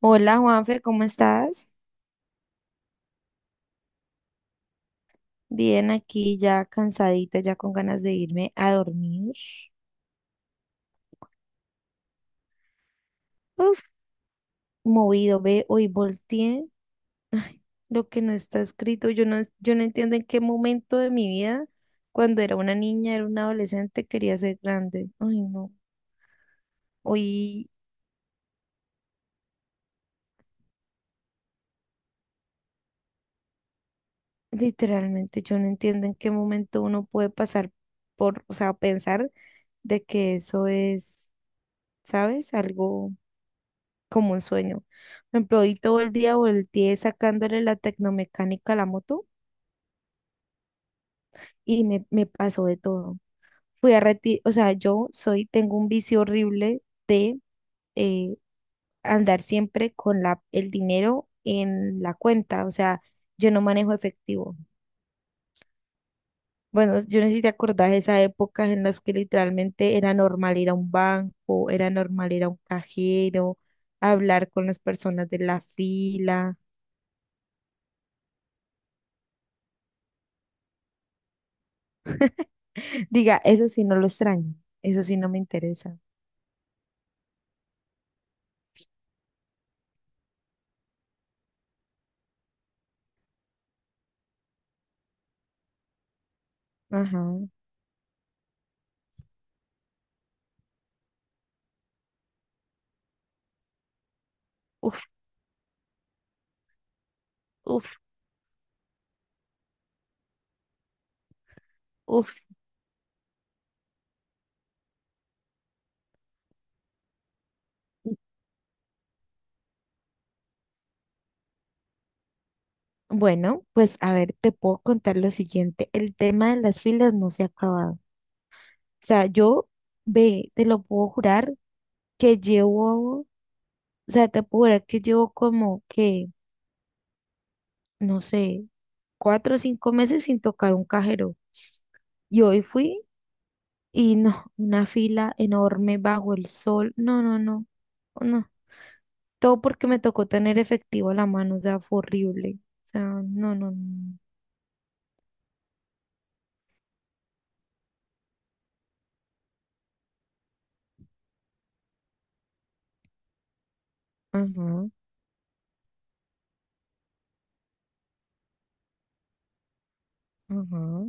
Hola Juanfe, ¿cómo estás? Bien, aquí ya cansadita, ya con ganas de irme a dormir. Uf, movido, ve, hoy volteé. Ay, lo que no está escrito, yo no entiendo en qué momento de mi vida, cuando era una niña, era una adolescente, quería ser grande. Ay, no. Hoy, literalmente, yo no entiendo en qué momento uno puede pasar por, o sea, pensar de que eso es, ¿sabes? Algo, como un sueño. Por ejemplo, hoy todo el día volteé sacándole la tecnomecánica a la moto y me pasó de todo. Fui a retirar, o sea, yo soy, tengo un vicio horrible de eh, andar siempre con la, el dinero en la cuenta, o sea, yo no manejo efectivo. Bueno, yo no sé si te acordás de esas épocas en las que literalmente era normal ir a un banco, era normal ir a un cajero, hablar con las personas de la fila. Diga, eso sí no lo extraño, eso sí no me interesa. Ajá. Uf, uf, uf. Bueno, pues a ver, te puedo contar lo siguiente. El tema de las filas no se ha acabado. O sea, yo, ve, te lo puedo jurar que llevo, o sea, te puedo jurar que llevo como que, no sé, cuatro o cinco meses sin tocar un cajero. Y hoy fui y no, una fila enorme bajo el sol. No, no, no, no. Todo porque me tocó tener efectivo a la mano, o sea, fue horrible. O sea, no, no, no. Ajá, ajá.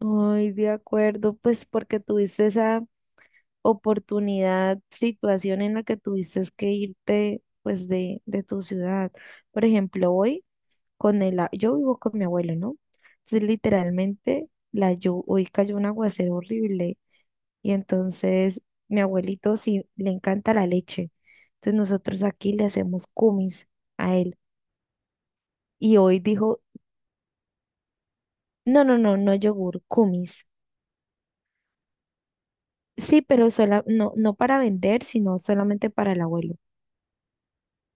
Ay, de acuerdo, pues porque tuviste esa oportunidad, situación en la que tuviste que irte, pues, de tu ciudad. Por ejemplo, hoy con el, a- yo vivo con mi abuelo, ¿no? Entonces, literalmente, la llu- hoy cayó un aguacero horrible y entonces mi abuelito sí le encanta la leche. Entonces nosotros aquí le hacemos cumis a él. Y hoy dijo, no, no, no, no yogur, kumis. Sí, pero sola, no, no para vender, sino solamente para el abuelo,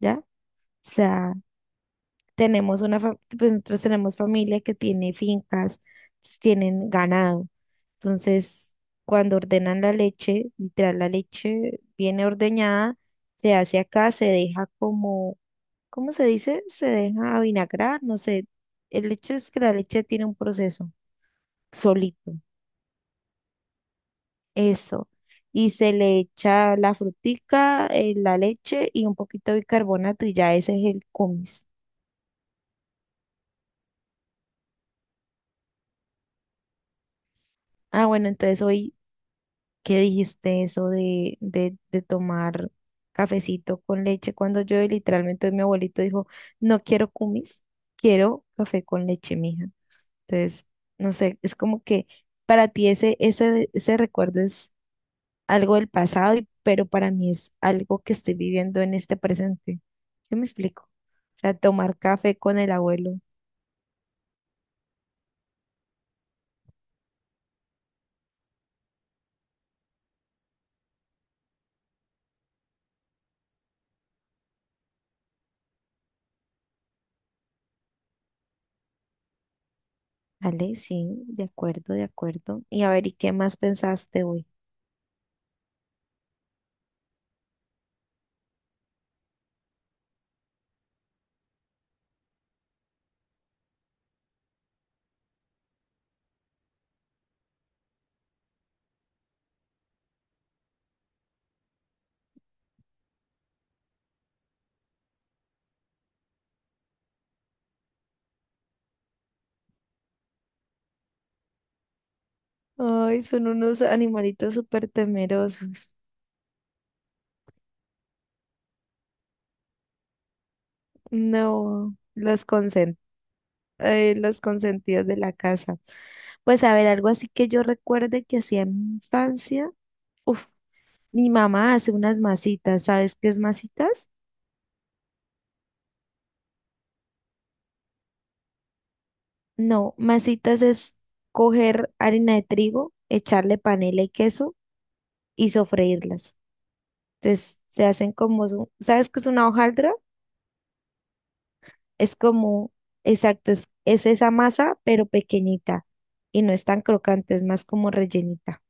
¿ya? O sea, tenemos una, fa- pues nosotros tenemos familia que tiene fincas, entonces tienen ganado. Entonces, cuando ordenan la leche, literal, la leche viene ordeñada, se hace acá, se deja como, ¿cómo se dice? Se deja vinagrar, no sé. El hecho es que la leche tiene un proceso solito. Eso. Y se le echa la frutica, la leche y un poquito de bicarbonato y ya ese es el kumis. Ah, bueno, entonces hoy, ¿qué dijiste eso de, de tomar cafecito con leche? Cuando yo literalmente mi abuelito dijo, no quiero kumis, quiero café con leche, mija. Entonces, no sé, es como que para ti ese recuerdo algo del pasado, y- pero para mí es algo que estoy viviendo en este presente. ¿Sí me explico? O sea, tomar café con el abuelo. Vale, sí, de acuerdo, de acuerdo. Y a ver, ¿y qué más pensaste hoy? Ay, son unos animalitos súper temerosos. No, los consen- los consentidos de la casa. Pues a ver, algo así que yo recuerde que hacía en mi infancia. Uf, mi mamá hace unas masitas. ¿Sabes qué es masitas? No, masitas es coger harina de trigo, echarle panela y queso y sofreírlas. Entonces se hacen como, su- ¿sabes qué es una hojaldra? Es como, exacto, es esa masa, pero pequeñita y no es tan crocante, es más como rellenita.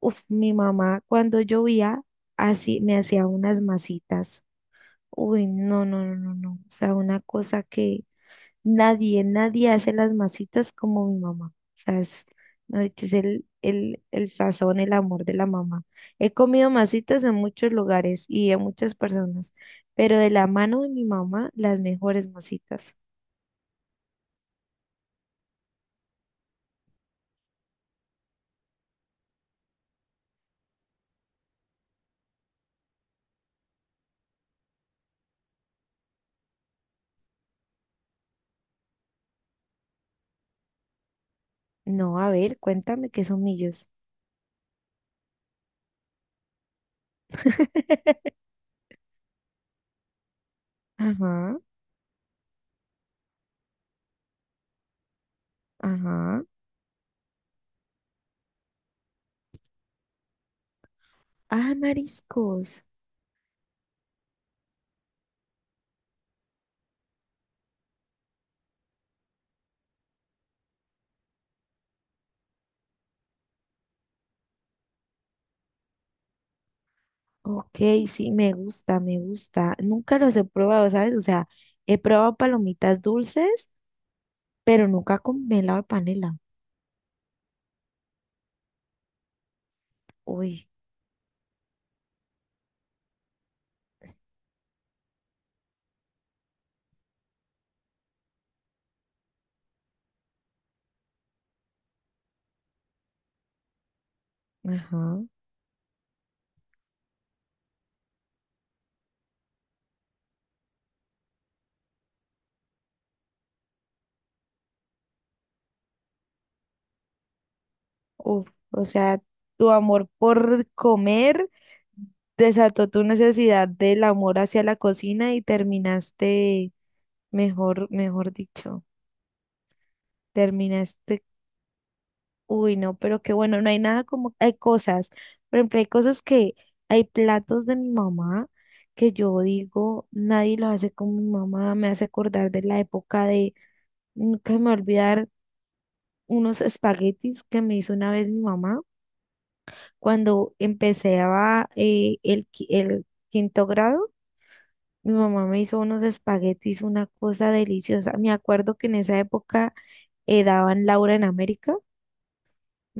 Uf, mi mamá cuando llovía, así me hacía unas masitas. Uy, no. O sea, una cosa que nadie, nadie hace las masitas como mi mamá. O sea, es, mejor dicho, es el sazón, el amor de la mamá. He comido masitas en muchos lugares y de muchas personas, pero de la mano de mi mamá, las mejores masitas. No, a ver, cuéntame qué son millos. Ajá, ajá. Ah, mariscos. Ok, sí, me gusta, me gusta. Nunca los he probado, ¿sabes? O sea, he probado palomitas dulces, pero nunca con melado de panela. Uy. Ajá. Uf, o sea, tu amor por comer desató tu necesidad del amor hacia la cocina y terminaste, mejor, mejor dicho, terminaste, uy, no, pero qué bueno, no hay nada como, hay cosas, por ejemplo, hay cosas que, hay platos de mi mamá que yo digo, nadie los hace como mi mamá, me hace acordar de la época de, nunca me voy a olvidar unos espaguetis que me hizo una vez mi mamá cuando empecé a el, qui- el quinto grado, mi mamá me hizo unos espaguetis, una cosa deliciosa. Me acuerdo que en esa época daban Laura en América.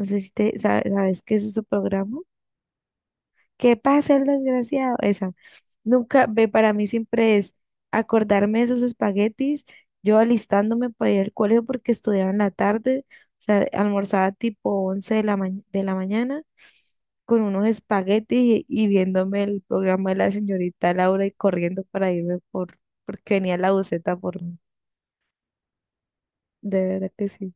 No sé si te sa- sabes qué es ese programa. ¿Qué pasa, el desgraciado? Esa. Nunca, ve, para mí siempre es acordarme de esos espaguetis, yo alistándome para ir al colegio porque estudiaba en la tarde, o sea, almorzaba tipo 11 de la, ma- de la mañana con unos espaguetis y viéndome el programa de la señorita Laura y corriendo para irme por, porque venía la buceta por mí. De verdad que sí.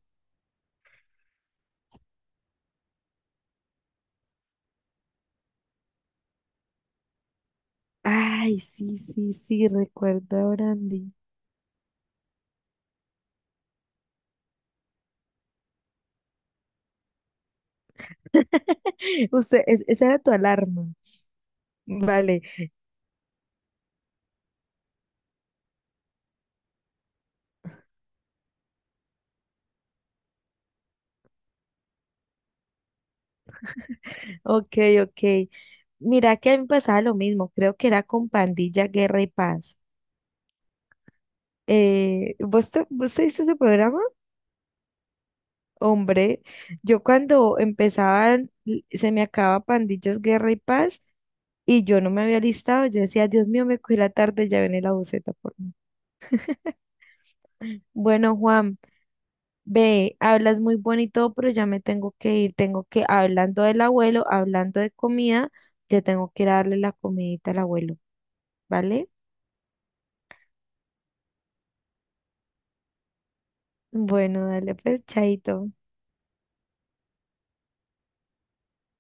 Ay, sí, sí, sí, recuerdo a Brandy. Usted, es- esa era tu alarma. Vale, ok, ok. Mira que a mí me pasaba lo mismo, creo que era con Pandilla, Guerra y Paz. Vos te viste ese programa? Hombre, yo cuando empezaban, l- se me acababa Pandillas, Guerra y Paz, y yo no me había listado, yo decía, Dios mío, me cogí la tarde, ya viene la buceta por mí. Bueno, Juan, ve, hablas muy bonito, pero ya me tengo que ir, tengo que, hablando del abuelo, hablando de comida, ya tengo que ir a darle la comidita al abuelo, ¿vale? Bueno, dale pues, chaito.